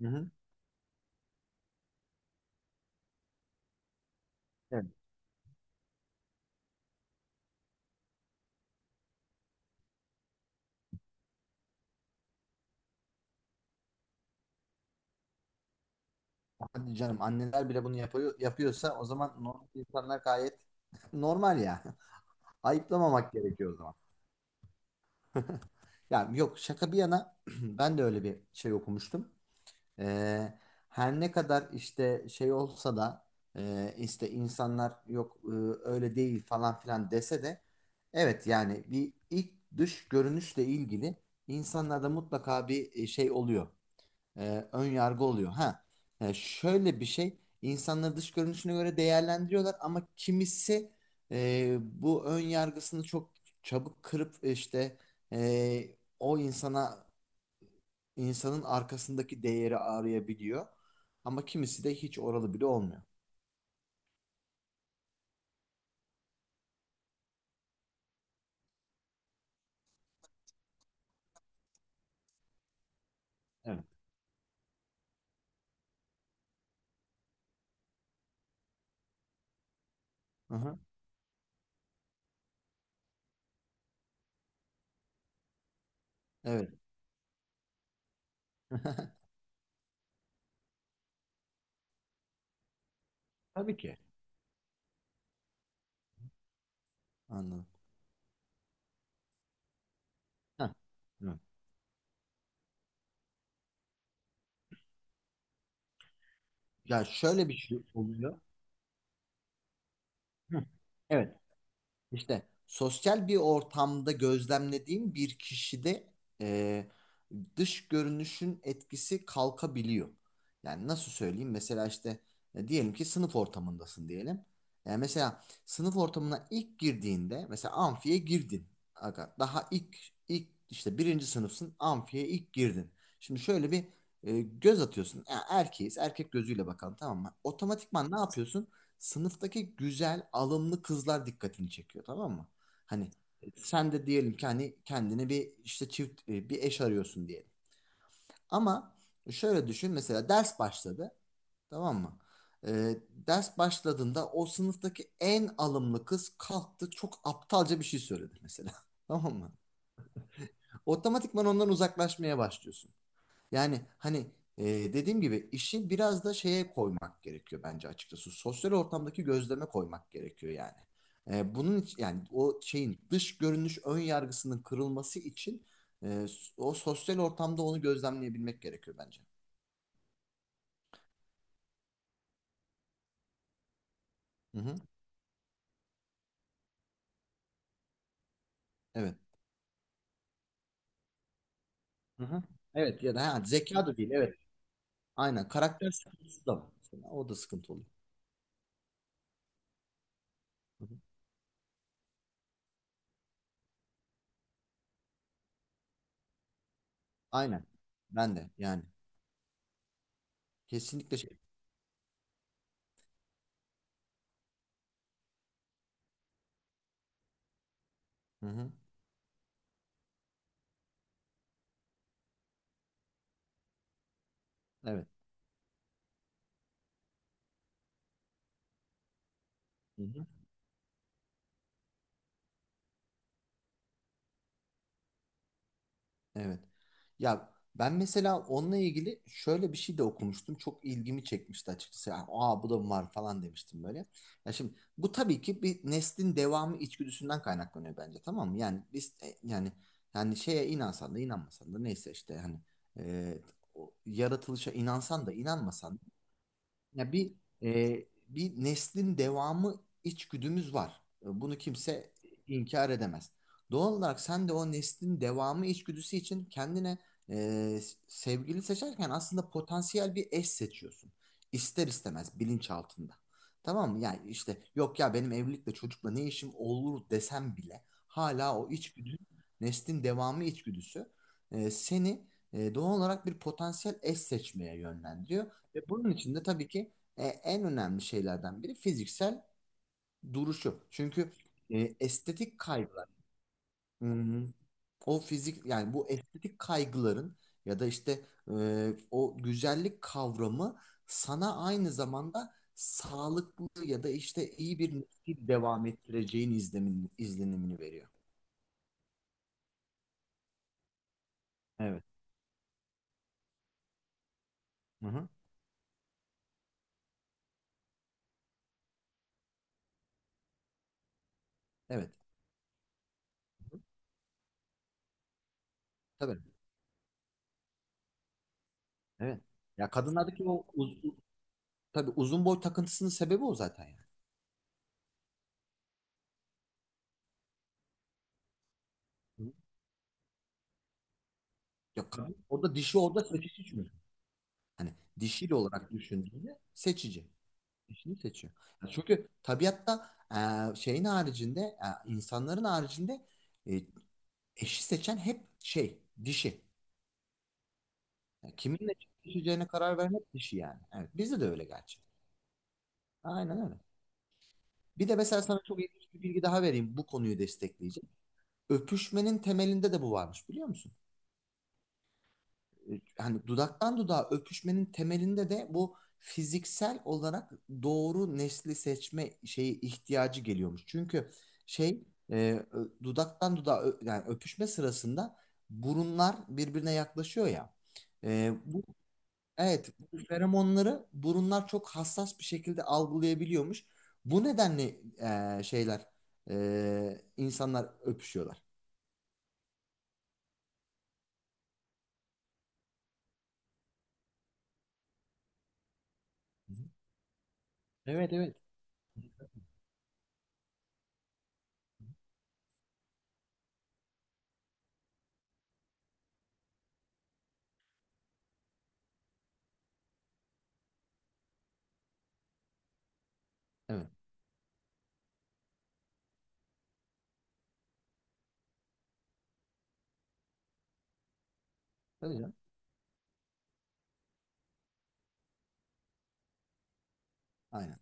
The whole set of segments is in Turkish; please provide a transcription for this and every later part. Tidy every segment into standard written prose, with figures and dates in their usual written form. Hı hı. Evet. Hadi canım anneler bile bunu yapıyor, yapıyorsa o zaman normal insanlar gayet normal ya. Ayıplamamak gerekiyor o zaman. Ya yok, şaka bir yana, ben de öyle bir şey okumuştum. Ee, Her ne kadar işte şey olsa da işte insanlar yok, öyle değil falan filan dese de, evet yani bir ilk dış görünüşle ilgili insanlarda mutlaka bir şey oluyor. Ön yargı oluyor. Ha, şöyle bir şey, insanları dış görünüşüne göre değerlendiriyorlar ama kimisi bu ön yargısını çok çabuk kırıp işte o insana, insanın arkasındaki değeri arayabiliyor. Ama kimisi de hiç oralı bile olmuyor. Evet. Aha, evet. Tabii ki. Anladım. Heh, evet. Ya şöyle bir şey oluyor. Heh, evet. İşte sosyal bir ortamda gözlemlediğim bir kişide e, dış görünüşün etkisi kalkabiliyor. Yani nasıl söyleyeyim? Mesela işte, diyelim ki sınıf ortamındasın diyelim. Yani mesela sınıf ortamına ilk girdiğinde mesela amfiye girdin. Aga, daha ilk işte birinci sınıfsın, amfiye ilk girdin. Şimdi şöyle bir göz atıyorsun. Ya erkeğiz, erkek gözüyle bakalım, tamam mı? Otomatikman ne yapıyorsun? Sınıftaki güzel, alımlı kızlar dikkatini çekiyor, tamam mı? Hani sen de diyelim ki hani kendine bir işte çift bir eş arıyorsun diyelim. Ama şöyle düşün, mesela ders başladı, tamam mı? Ders başladığında o sınıftaki en alımlı kız kalktı, çok aptalca bir şey söyledi mesela. Tamam mı? Otomatikman ondan uzaklaşmaya başlıyorsun. Yani hani, dediğim gibi işi biraz da şeye koymak gerekiyor bence, açıkçası. Sosyal ortamdaki gözleme koymak gerekiyor yani. Bunun için, yani o şeyin dış görünüş ön yargısının kırılması için e, o sosyal ortamda onu gözlemleyebilmek gerekiyor bence. Hı hı. Evet. Hı hı. Evet ya da ha, zeka da değil, evet. Aynen, karakter sıkıntısı da var mesela. O da sıkıntı oluyor. Hı hı. Aynen. Ben de yani kesinlikle şey. Hı hı. Evet. Hı hı. Evet. Ya ben mesela onunla ilgili şöyle bir şey de okumuştum. Çok ilgimi çekmişti, açıkçası. Ya, aa, bu da mı var falan demiştim böyle. Ya şimdi bu tabii ki bir neslin devamı içgüdüsünden kaynaklanıyor bence, tamam mı? Yani biz yani şeye inansan da inanmasan da, neyse işte, hani e, o yaratılışa inansan da inanmasan, ya bir bir neslin devamı içgüdümüz var. E, bunu kimse inkar edemez. Doğal olarak sen de o neslin devamı içgüdüsü için kendine e, sevgili seçerken aslında potansiyel bir eş seçiyorsun. İster istemez bilinçaltında. Tamam mı? Yani işte yok ya, benim evlilikle çocukla ne işim olur desem bile hala o içgüdü, neslin devamı içgüdüsü seni doğal olarak bir potansiyel eş seçmeye yönlendiriyor. Ve bunun içinde tabii ki en önemli şeylerden biri fiziksel duruşu. Çünkü estetik kaygılar, hmm, o fizik, yani bu estetik kaygıların ya da işte o güzellik kavramı sana aynı zamanda sağlıklı ya da işte iyi bir nesil devam ettireceğin izlemin, izlenimini veriyor. Evet. Hı hı. Evet. Tabii. Evet. Ya kadınlardaki o tabii uzun boy takıntısının sebebi o zaten, yani. Yok, kadın orada, dişi orada seçici çünkü. Hani dişil olarak düşündüğünde seçici. Dişini seçiyor. Ya çünkü tabiatta şeyin haricinde, insanların haricinde, e, eşi seçen hep şey dişi. Yani kiminle eşleşeceğine karar vermek dişi yani. Evet, bizde de öyle gerçi. Aynen öyle. Bir de mesela sana çok ilginç bir bilgi daha vereyim, bu konuyu destekleyecek. Öpüşmenin temelinde de bu varmış, biliyor musun? Hani dudaktan dudağa öpüşmenin temelinde de bu fiziksel olarak doğru nesli seçme şeyi ihtiyacı geliyormuş. Çünkü şey, e, dudaktan dudağa yani öpüşme sırasında burunlar birbirine yaklaşıyor ya. E, bu Evet, bu feromonları burunlar çok hassas bir şekilde algılayabiliyormuş. Bu nedenle şeyler, insanlar öpüşüyorlar. Hı hı. Evet evet. Evet. Tabii canım. Aynen.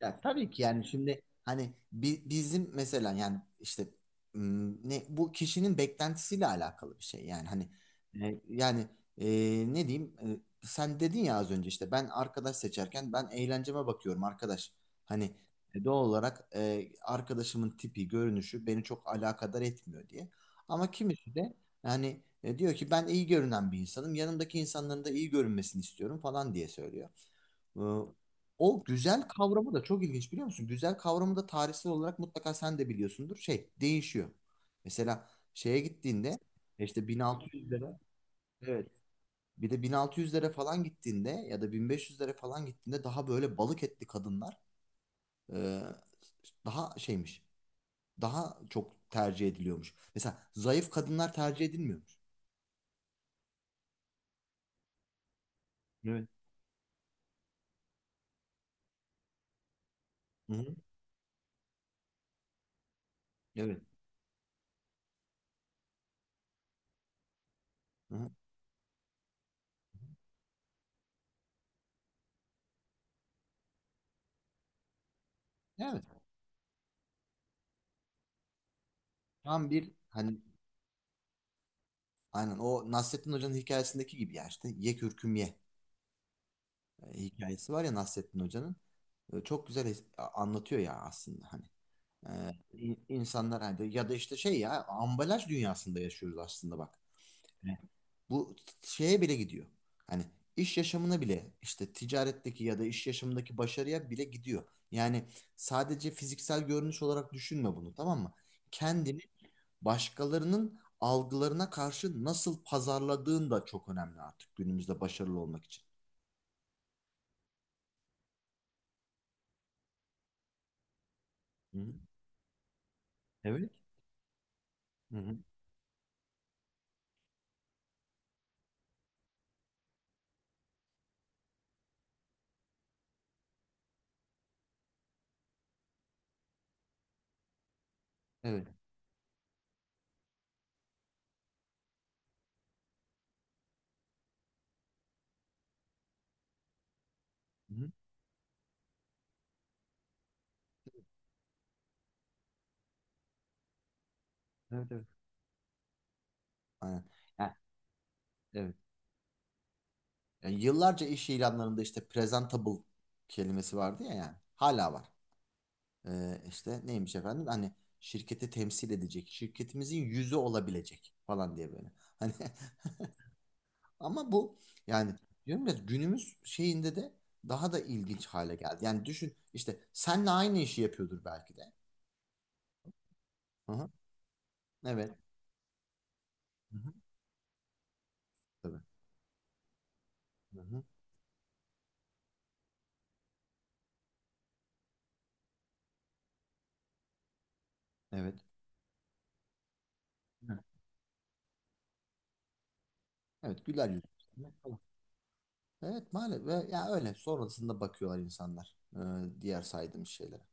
Ya tabii ki, yani şimdi hani bizim mesela, yani işte ne, bu kişinin beklentisiyle alakalı bir şey. Yani hani yani e, ne diyeyim, sen dedin ya az önce, işte ben arkadaş seçerken ben eğlenceme bakıyorum arkadaş. Hani doğal olarak arkadaşımın tipi, görünüşü beni çok alakadar etmiyor diye. Ama kimisi de yani diyor ki, ben iyi görünen bir insanım, yanımdaki insanların da iyi görünmesini istiyorum falan diye söylüyor. Ee, O güzel kavramı da çok ilginç, biliyor musun? Güzel kavramı da tarihsel olarak mutlaka sen de biliyorsundur. Şey değişiyor. Mesela şeye gittiğinde, işte 1600'lere, evet, bir de 1600'lere falan gittiğinde ya da 1500'lere falan gittiğinde daha böyle balık etli kadınlar e, daha şeymiş. Daha çok tercih ediliyormuş. Mesela zayıf kadınlar tercih edilmiyormuş. Evet. Hı-hı. Evet. Hı-hı. Evet. Tam bir hani, aynen o Nasrettin Hoca'nın hikayesindeki gibi ya, işte ye kürküm ye. Hikayesi var ya Nasrettin Hoca'nın. E, çok güzel anlatıyor ya, aslında hani. E, insanlar hani, ya da işte şey, ya ambalaj dünyasında yaşıyoruz aslında, bak. Evet. Bu şeye bile gidiyor. Hani iş yaşamına bile, işte ticaretteki ya da iş yaşamındaki başarıya bile gidiyor. Yani sadece fiziksel görünüş olarak düşünme bunu, tamam mı? Kendini başkalarının algılarına karşı nasıl pazarladığın da çok önemli artık günümüzde başarılı olmak için. Hı hı. Evet. Hı hı. Evet. Hı-hı. Evet evet. Aynen. Yani, evet. Yani yıllarca iş ilanlarında işte presentable kelimesi vardı ya yani. Hala var. İşte neymiş efendim? Hani şirketi temsil edecek, şirketimizin yüzü olabilecek falan diye böyle. Hani ama bu yani, diyorum ya günümüz şeyinde de daha da ilginç hale geldi. Yani düşün, işte senle aynı işi yapıyordur belki de. Hı-hı. Evet. Hı-hı. Tabii. Hı-hı. Evet. Evet. Güler yüz. Evet maalesef, ve ya öyle sonrasında bakıyorlar insanlar diğer saydığım şeylere.